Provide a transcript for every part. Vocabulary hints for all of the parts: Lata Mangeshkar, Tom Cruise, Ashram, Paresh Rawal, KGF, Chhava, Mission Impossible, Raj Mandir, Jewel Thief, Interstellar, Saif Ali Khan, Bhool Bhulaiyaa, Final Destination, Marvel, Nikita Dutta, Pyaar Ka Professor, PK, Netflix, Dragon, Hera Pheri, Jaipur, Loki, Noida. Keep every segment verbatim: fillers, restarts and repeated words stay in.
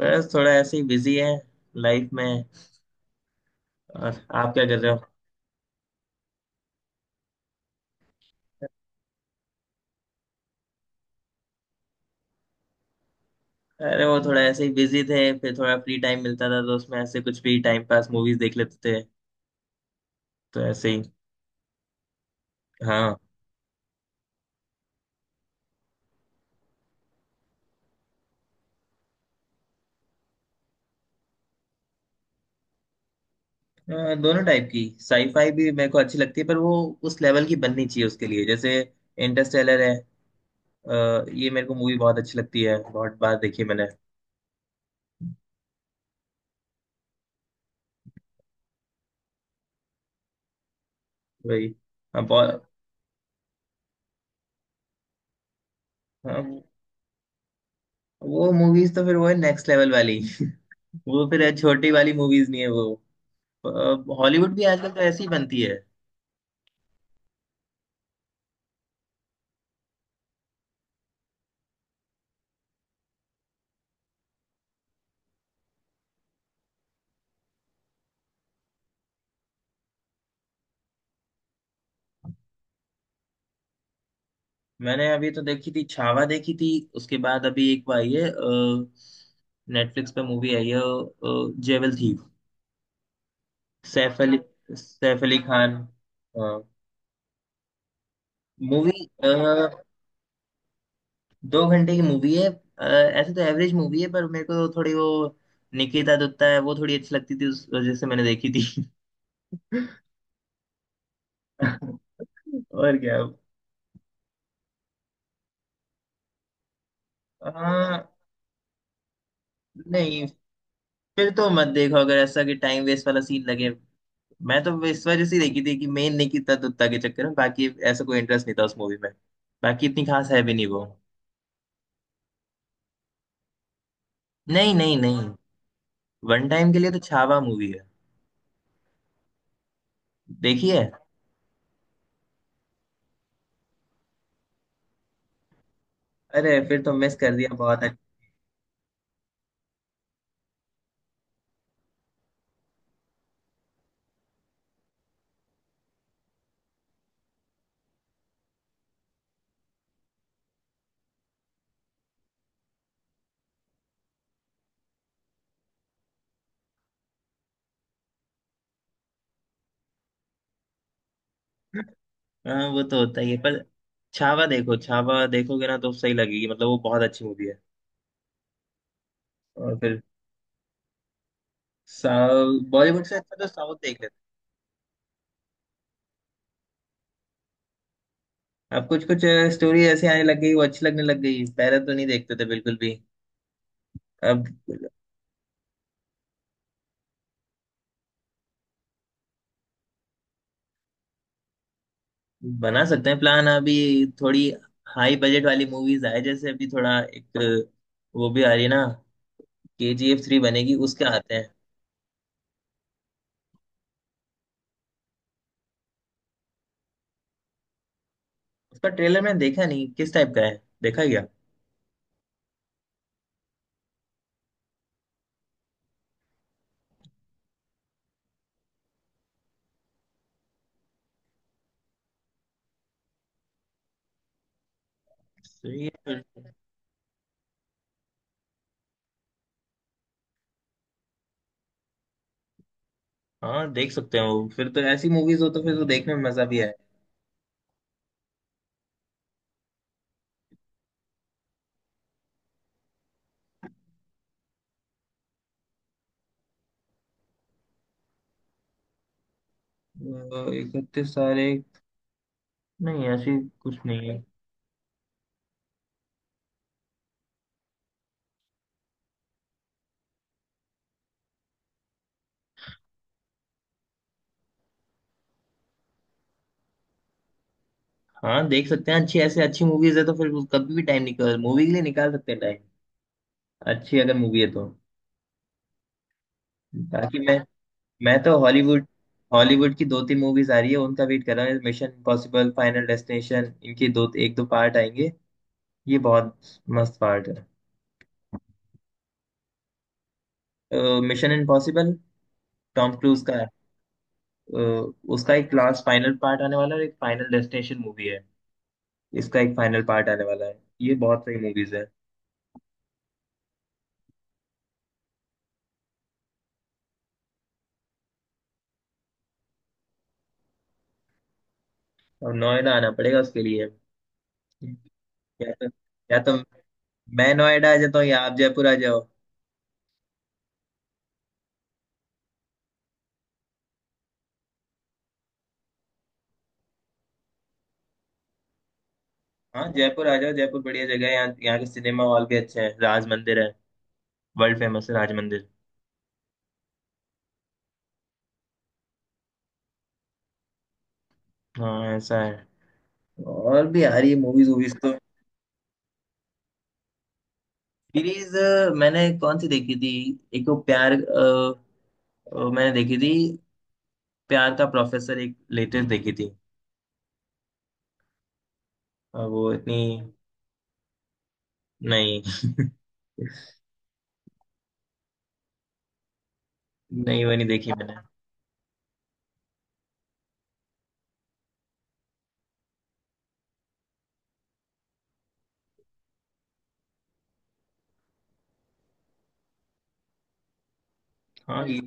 बस थोड़ा ऐसे ही बिजी है लाइफ में। और आप क्या कर रहे हो? अरे वो थोड़ा ऐसे ही बिजी थे, फिर थोड़ा फ्री टाइम मिलता था तो उसमें ऐसे कुछ भी टाइम पास मूवीज देख लेते थे। तो ऐसे ही। हाँ। अ, दोनों टाइप की साईफाई भी मेरे को अच्छी लगती है, पर वो उस लेवल की बननी चाहिए उसके लिए। जैसे इंटरस्टेलर है। अ, ये मेरे को मूवी बहुत अच्छी लगती है, बहुत बार देखी है मैंने। वही। अब बहुत। हाँ, वो मूवीज तो फिर वो है नेक्स्ट लेवल वाली। वो फिर छोटी वाली मूवीज नहीं है वो। अ, हॉलीवुड भी आजकल तो ऐसी ही बनती है। मैंने अभी तो देखी थी, छावा देखी थी। उसके बाद अभी एक वो आई है, नेटफ्लिक्स पे मूवी आई है, अ, jewel thief. Saif Ali Saif Ali Khan. Movie दो घंटे की मूवी है। अ, ऐसे तो एवरेज मूवी है, पर मेरे को थोड़ी वो निकिता दत्ता है, वो थोड़ी अच्छी लगती थी, उस वजह से मैंने देखी थी। और क्या। हाँ। नहीं, फिर तो मत देखो अगर ऐसा कि टाइम वेस्ट वाला सीन लगे। मैं तो इस वजह से ही देखी थी कि मेन नहीं कितना दुत्ता के चक्कर में। बाकी ऐसा कोई इंटरेस्ट नहीं था उस मूवी में। बाकी इतनी खास है भी नहीं वो। नहीं नहीं नहीं। वन टाइम के लिए तो छावा मूवी है। देखिए। अरे फिर तो मिस कर दिया, बहुत अच्छा। हाँ, वो तो होता ही है। पर छावा देखो, छावा देखोगे ना तो सही लगेगी, मतलब वो बहुत अच्छी मूवी है। और फिर साउथ। बॉलीवुड से अच्छा तो साउथ देख लेते। अब कुछ कुछ स्टोरी ऐसी आने लग गई, वो अच्छी लगने लग गई, पहले तो नहीं देखते थे बिल्कुल भी। अब बना सकते हैं प्लान। अभी थोड़ी हाई बजट वाली मूवीज आए, जैसे अभी थोड़ा एक वो भी आ रही है ना, के जी एफ थ्री बनेगी, उसके आते हैं। उसका ट्रेलर मैंने देखा नहीं, किस टाइप का है, देखा क्या? सही है फिर तो। हाँ देख सकते हैं, वो फिर तो ऐसी मूवीज हो तो फिर तो देखने में मजा भी आए। अ, इकतीस सारे। नहीं ऐसी कुछ नहीं है। हाँ देख सकते हैं, अच्छी ऐसी अच्छी मूवीज है तो फिर कभी भी टाइम निकाल, मूवी के लिए निकाल सकते हैं टाइम। अच्छी अगर मूवी है तो। ताकि मैं मैं तो हॉलीवुड, हॉलीवुड की दो तीन मूवीज आ रही है, उनका वेट कर रहा हूँ। मिशन इम्पॉसिबल, फाइनल डेस्टिनेशन, इनके दो एक दो पार्ट आएंगे। ये बहुत मस्त पार्ट है। मिशन इम्पॉसिबल, टॉम क्रूज का। अ, उसका एक लास्ट फाइनल पार्ट आने वाला है, और एक फाइनल डेस्टिनेशन मूवी है, इसका एक फाइनल पार्ट आने वाला है, ये बहुत सही मूवीज है। और नोएडा आना पड़ेगा उसके लिए। या तो या तो मैं नोएडा आ जाता हूँ, या आप जयपुर आ जाओ। हाँ जयपुर आ जाओ, जयपुर बढ़िया जगह है, यहाँ यहाँ के सिनेमा हॉल भी अच्छे हैं, राज मंदिर है, वर्ल्ड फेमस है राज मंदिर। हाँ ऐसा है। और भी आ रही है मूवीज वूवीज तो। सीरीज, मैंने कौन सी देखी थी? एक तो प्यार अ, अ, मैंने देखी थी प्यार का प्रोफेसर, एक लेटेस्ट देखी थी। अ, वो इतनी। नहीं नहीं, वो नहीं देखी मैंने। हाँ ये,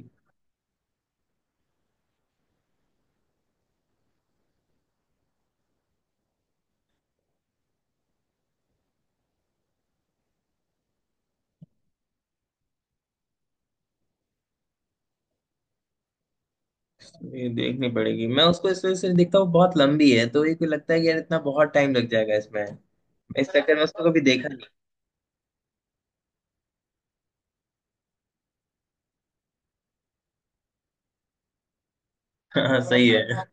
ये देखनी पड़ेगी। मैं उसको इस वजह से नहीं देखता हूँ, बहुत लंबी है, तो ये को लगता है कि यार इतना बहुत टाइम लग जाएगा इसमें, इस चक्कर में उसको कभी देखा नहीं। हाँ सही है।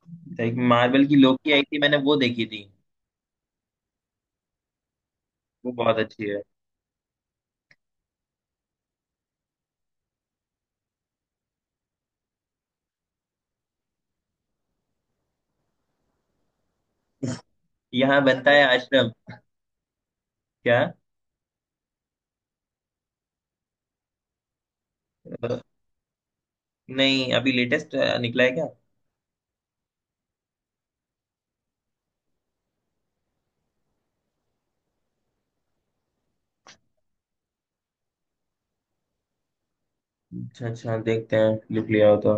एक मार्वल की लोकी आई थी, मैंने वो देखी थी। वो बहुत अच्छी है। यहाँ बनता है आश्रम। क्या? अ, नहीं अभी लेटेस्ट निकला है क्या? अच्छा अच्छा, देखते हैं, लिख लिया हो तो।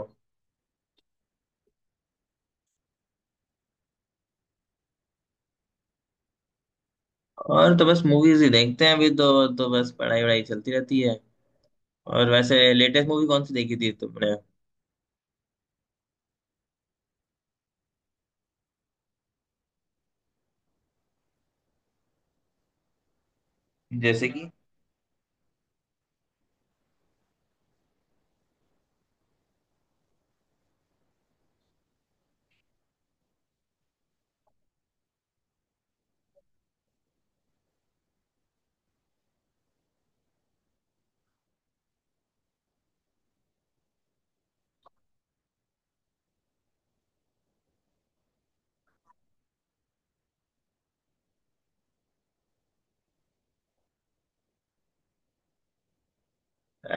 और तो बस मूवीज ही देखते हैं अभी तो, तो बस पढ़ाई वढ़ाई चलती रहती है। और वैसे लेटेस्ट मूवी कौन सी देखी थी तुमने? जैसे कि,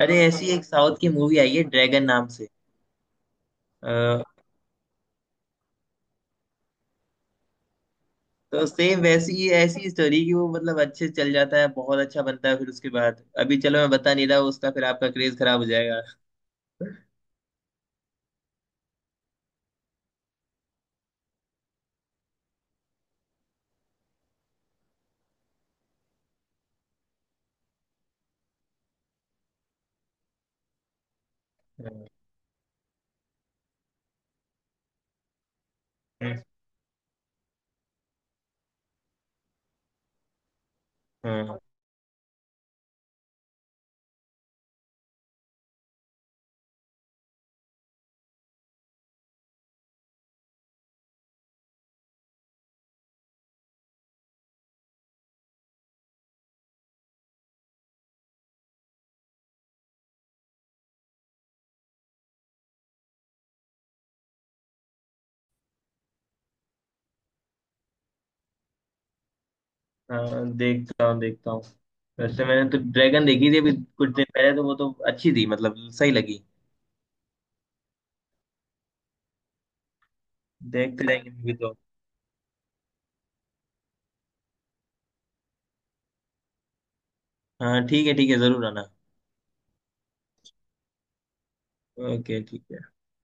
अरे ऐसी एक साउथ की मूवी आई है ड्रैगन नाम से। अ, तो सेम वैसी ही ऐसी स्टोरी कि वो मतलब अच्छे चल जाता है, बहुत अच्छा बनता है, फिर उसके बाद अभी चलो मैं बता नहीं रहा उसका, फिर आपका क्रेज खराब हो जाएगा। हाँ हाँ, देखता हूँ देखता हूँ। वैसे मैंने तो ड्रैगन देखी थी अभी कुछ दिन पहले, तो वो तो अच्छी थी, मतलब सही लगी। देखते रहेंगे मूवी तो। हाँ ठीक है ठीक है, जरूर आना। ओके ठीक है।